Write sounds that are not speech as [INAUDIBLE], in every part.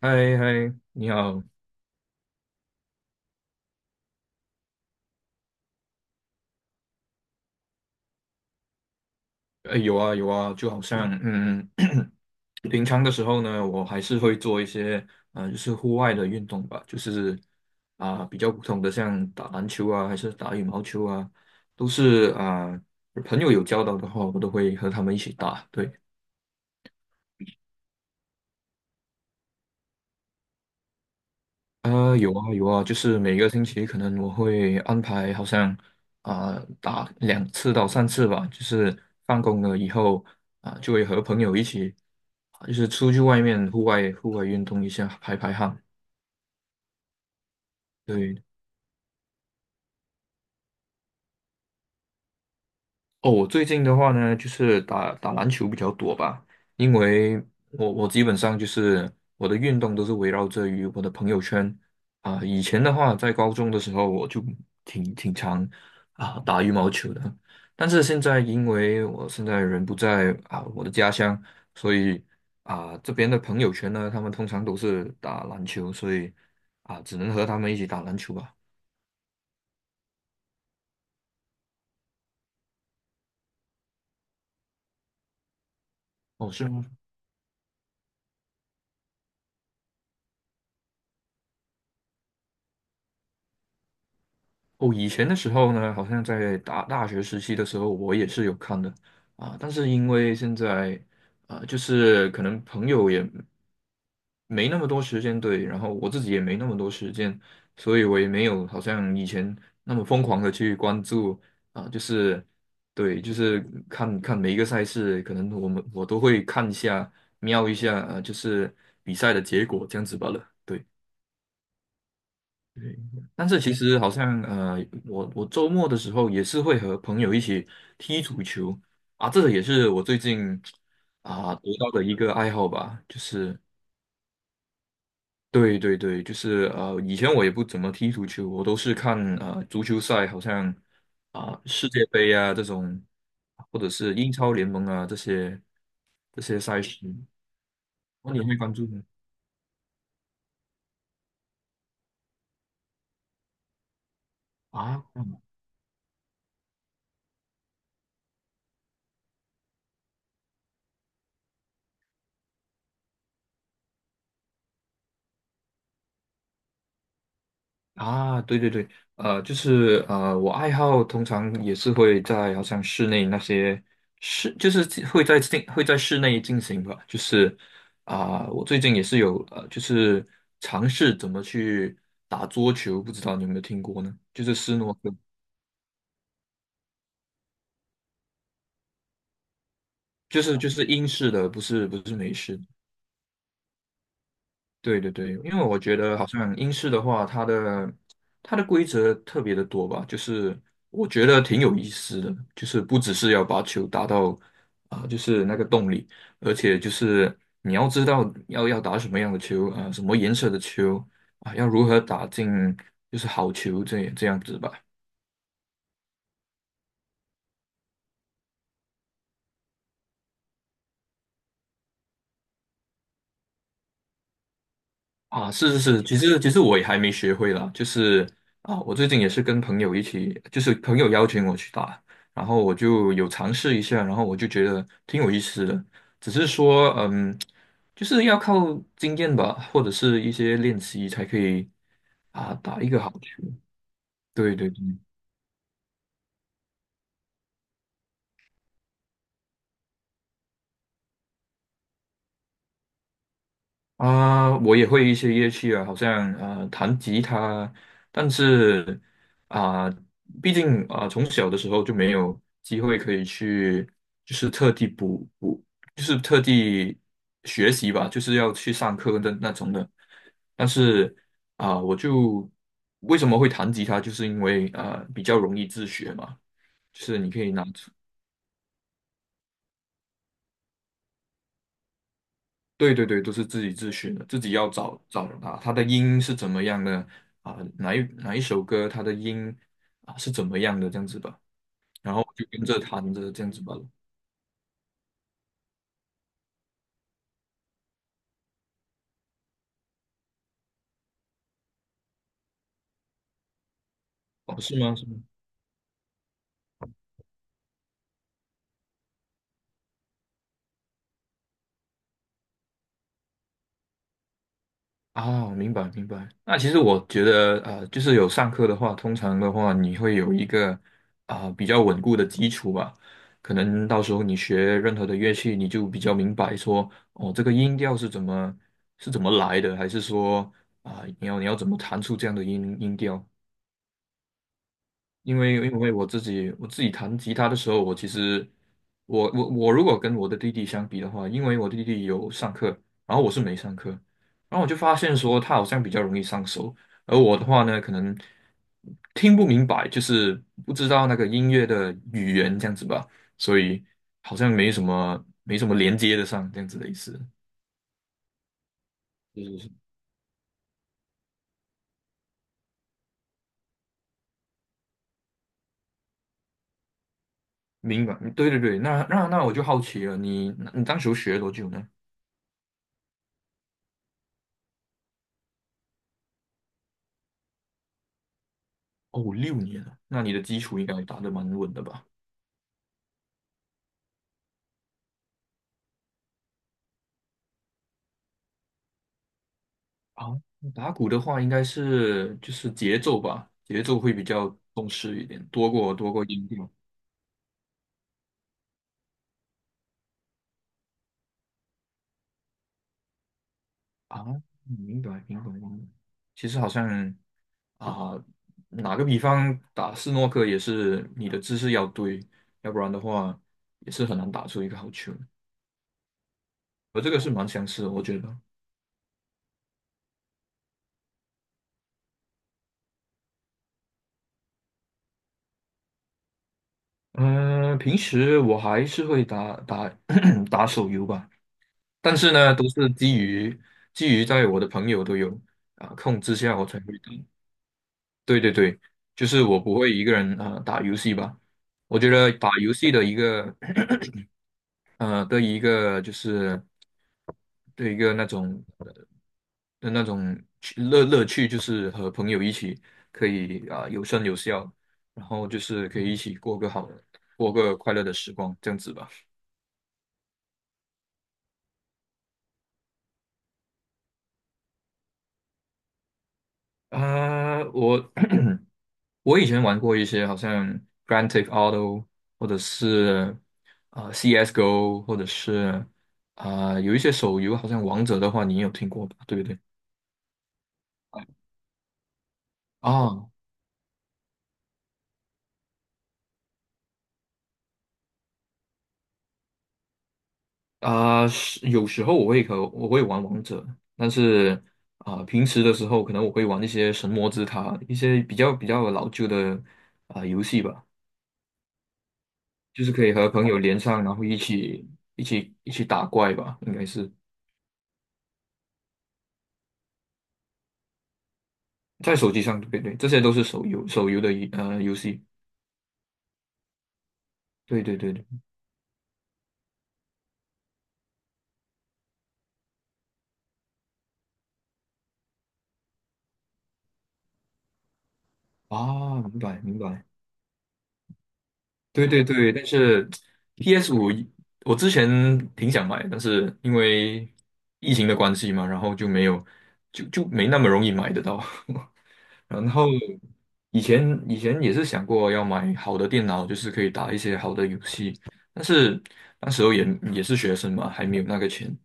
嗨嗨，你好，哎，有啊有啊，就好像[CLEARS THROAT] 平常的时候呢，我还是会做一些就是户外的运动吧，就是比较普通的，像打篮球啊，还是打羽毛球啊，都是朋友有交导的话，我都会和他们一起打。对，啊，有啊有啊，就是每个星期可能我会安排，好像打2次到3次吧，就是放工了以后就会和朋友一起，就是出去外面户外运动一下，排排汗。对，哦，我最近的话呢，就是打打篮球比较多吧，因为我基本上就是我的运动都是围绕着于我的朋友圈以前的话，在高中的时候，我就挺常打羽毛球的，但是现在因为我现在人不在我的家乡，所以这边的朋友圈呢，他们通常都是打篮球，所以只能和他们一起打篮球吧。哦，是吗？哦，以前的时候呢，好像在大学时期的时候，我也是有看的啊，但是因为现在啊，就是可能朋友也没那么多时间，对，然后我自己也没那么多时间，所以我也没有好像以前那么疯狂的去关注啊，就是对，就是看看每一个赛事，可能我都会看一下，瞄一下，就是比赛的结果这样子罢了，对。但是其实好像我周末的时候也是会和朋友一起踢足球啊，这个也是我最近得到的一个爱好吧，就是对对对，就是以前我也不怎么踢足球，我都是看足球赛，好像世界杯啊这种，或者是英超联盟啊这些赛事，那你会关注吗？啊？啊，对对对，就是我爱好通常也是会在好像室内那些室，就是会在室内进行吧，就是我最近也是有就是尝试怎么去打桌球，不知道你有没有听过呢？就是斯诺克，就是英式的，不是美式的。对对对，因为我觉得好像英式的话，它的规则特别的多吧，就是我觉得挺有意思的，就是不只是要把球打到就是那个洞里，而且就是你要知道要打什么样的球什么颜色的球要如何打进就是好球这样子吧。啊，是是是，其实我也还没学会啦，就是我最近也是跟朋友一起，就是朋友邀请我去打，然后我就有尝试一下，然后我就觉得挺有意思的，只是说就是要靠经验吧，或者是一些练习才可以打一个好球。对对对。啊，我也会一些乐器啊，好像弹吉他，但是啊，毕竟啊从小的时候就没有机会可以去，就是特地补补，就是特地学习吧，就是要去上课的那种的。但是啊，我就为什么会弹吉他，就是因为比较容易自学嘛，就是你可以拿。对对对，都是自己自学的，自己要找找他，他的音是怎么样的啊？哪一首歌他的音啊是怎么样的这样子吧，然后我就跟着弹着这样子吧。哦，是吗？是吗哦，明白明白。那其实我觉得，就是有上课的话，通常的话，你会有一个比较稳固的基础吧。可能到时候你学任何的乐器，你就比较明白说，哦，这个音调是是怎么来的，还是说你要怎么弹出这样的音调？因为我自己弹吉他的时候，我其实我我我如果跟我的弟弟相比的话，因为我弟弟有上课，然后我是没上课，然后我就发现说他好像比较容易上手，而我的话呢，可能听不明白，就是不知道那个音乐的语言这样子吧，所以好像没什么连接的上这样子的意思，就是明白，嗯对对对，那我就好奇了，你当时学了多久呢？哦，6年了，那你的基础应该打得蛮稳的吧？啊，打鼓的话，应该是就是节奏吧，节奏会比较重视一点，多过音调啊。明白，明白，明白。其实好像啊，打个比方，打斯诺克也是你的姿势要对，要不然的话也是很难打出一个好球。我这个是蛮相似的，我觉得。嗯、平时我还是会打打 [COUGHS] [CLEARS THROAT] 打手游吧。但是呢，都是基于在我的朋友都有控制下，我才会打。对对对，就是我不会一个人啊打游戏吧。我觉得打游戏的一个 [CLEARS THROAT] 的一个就是的一个那种的那种趣乐乐趣，就是和朋友一起可以有声有笑，然后就是可以一起过个快乐的时光，这样子吧。啊、我我以前玩过一些好像《Grand Theft Auto》或者是《CS:GO》，或者是有一些手游，好像《王者》的话，你也有听过吧？对不对？啊是有时候我会玩王者，但是平时的时候可能我会玩一些神魔之塔，一些比较老旧的游戏吧，就是可以和朋友连上，然后一起打怪吧，应该是在手机上，对不对，这些都是手游的游戏。对对对对，啊，明白明白，对对对，但是 PS5我之前挺想买，但是因为疫情的关系嘛，然后就没有，就没那么容易买得到。[LAUGHS] 然后以前也是想过要买好的电脑，就是可以打一些好的游戏，但是那时候也是学生嘛，还没有那个钱。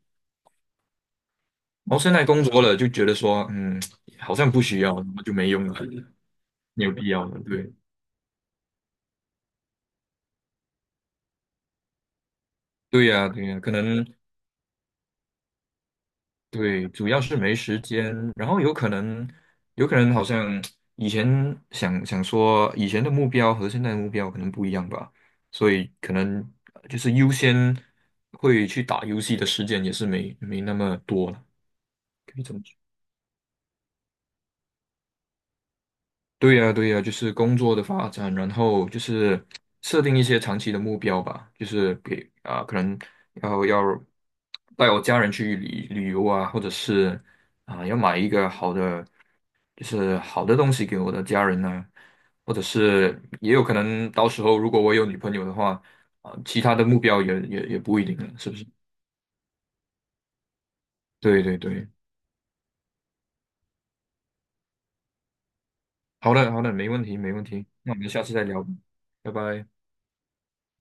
然后现在工作了，就觉得说，好像不需要，那么就没用了，没有必要了，对。对呀，对呀，可能对，主要是没时间，然后有可能好像以前想想说以前的目标和现在的目标可能不一样吧，所以可能就是优先会去打游戏的时间也是没那么多了，可以这么说。对呀，对呀，就是工作的发展，然后就是设定一些长期的目标吧，就是给可能要带我家人去旅游啊，或者是要买一个好的。就是好的东西给我的家人呢、或者是也有可能到时候如果我有女朋友的话，其他的目标也不一定了，是不是？对对对，好的好的，没问题没问题，那我们下次再聊吧拜拜。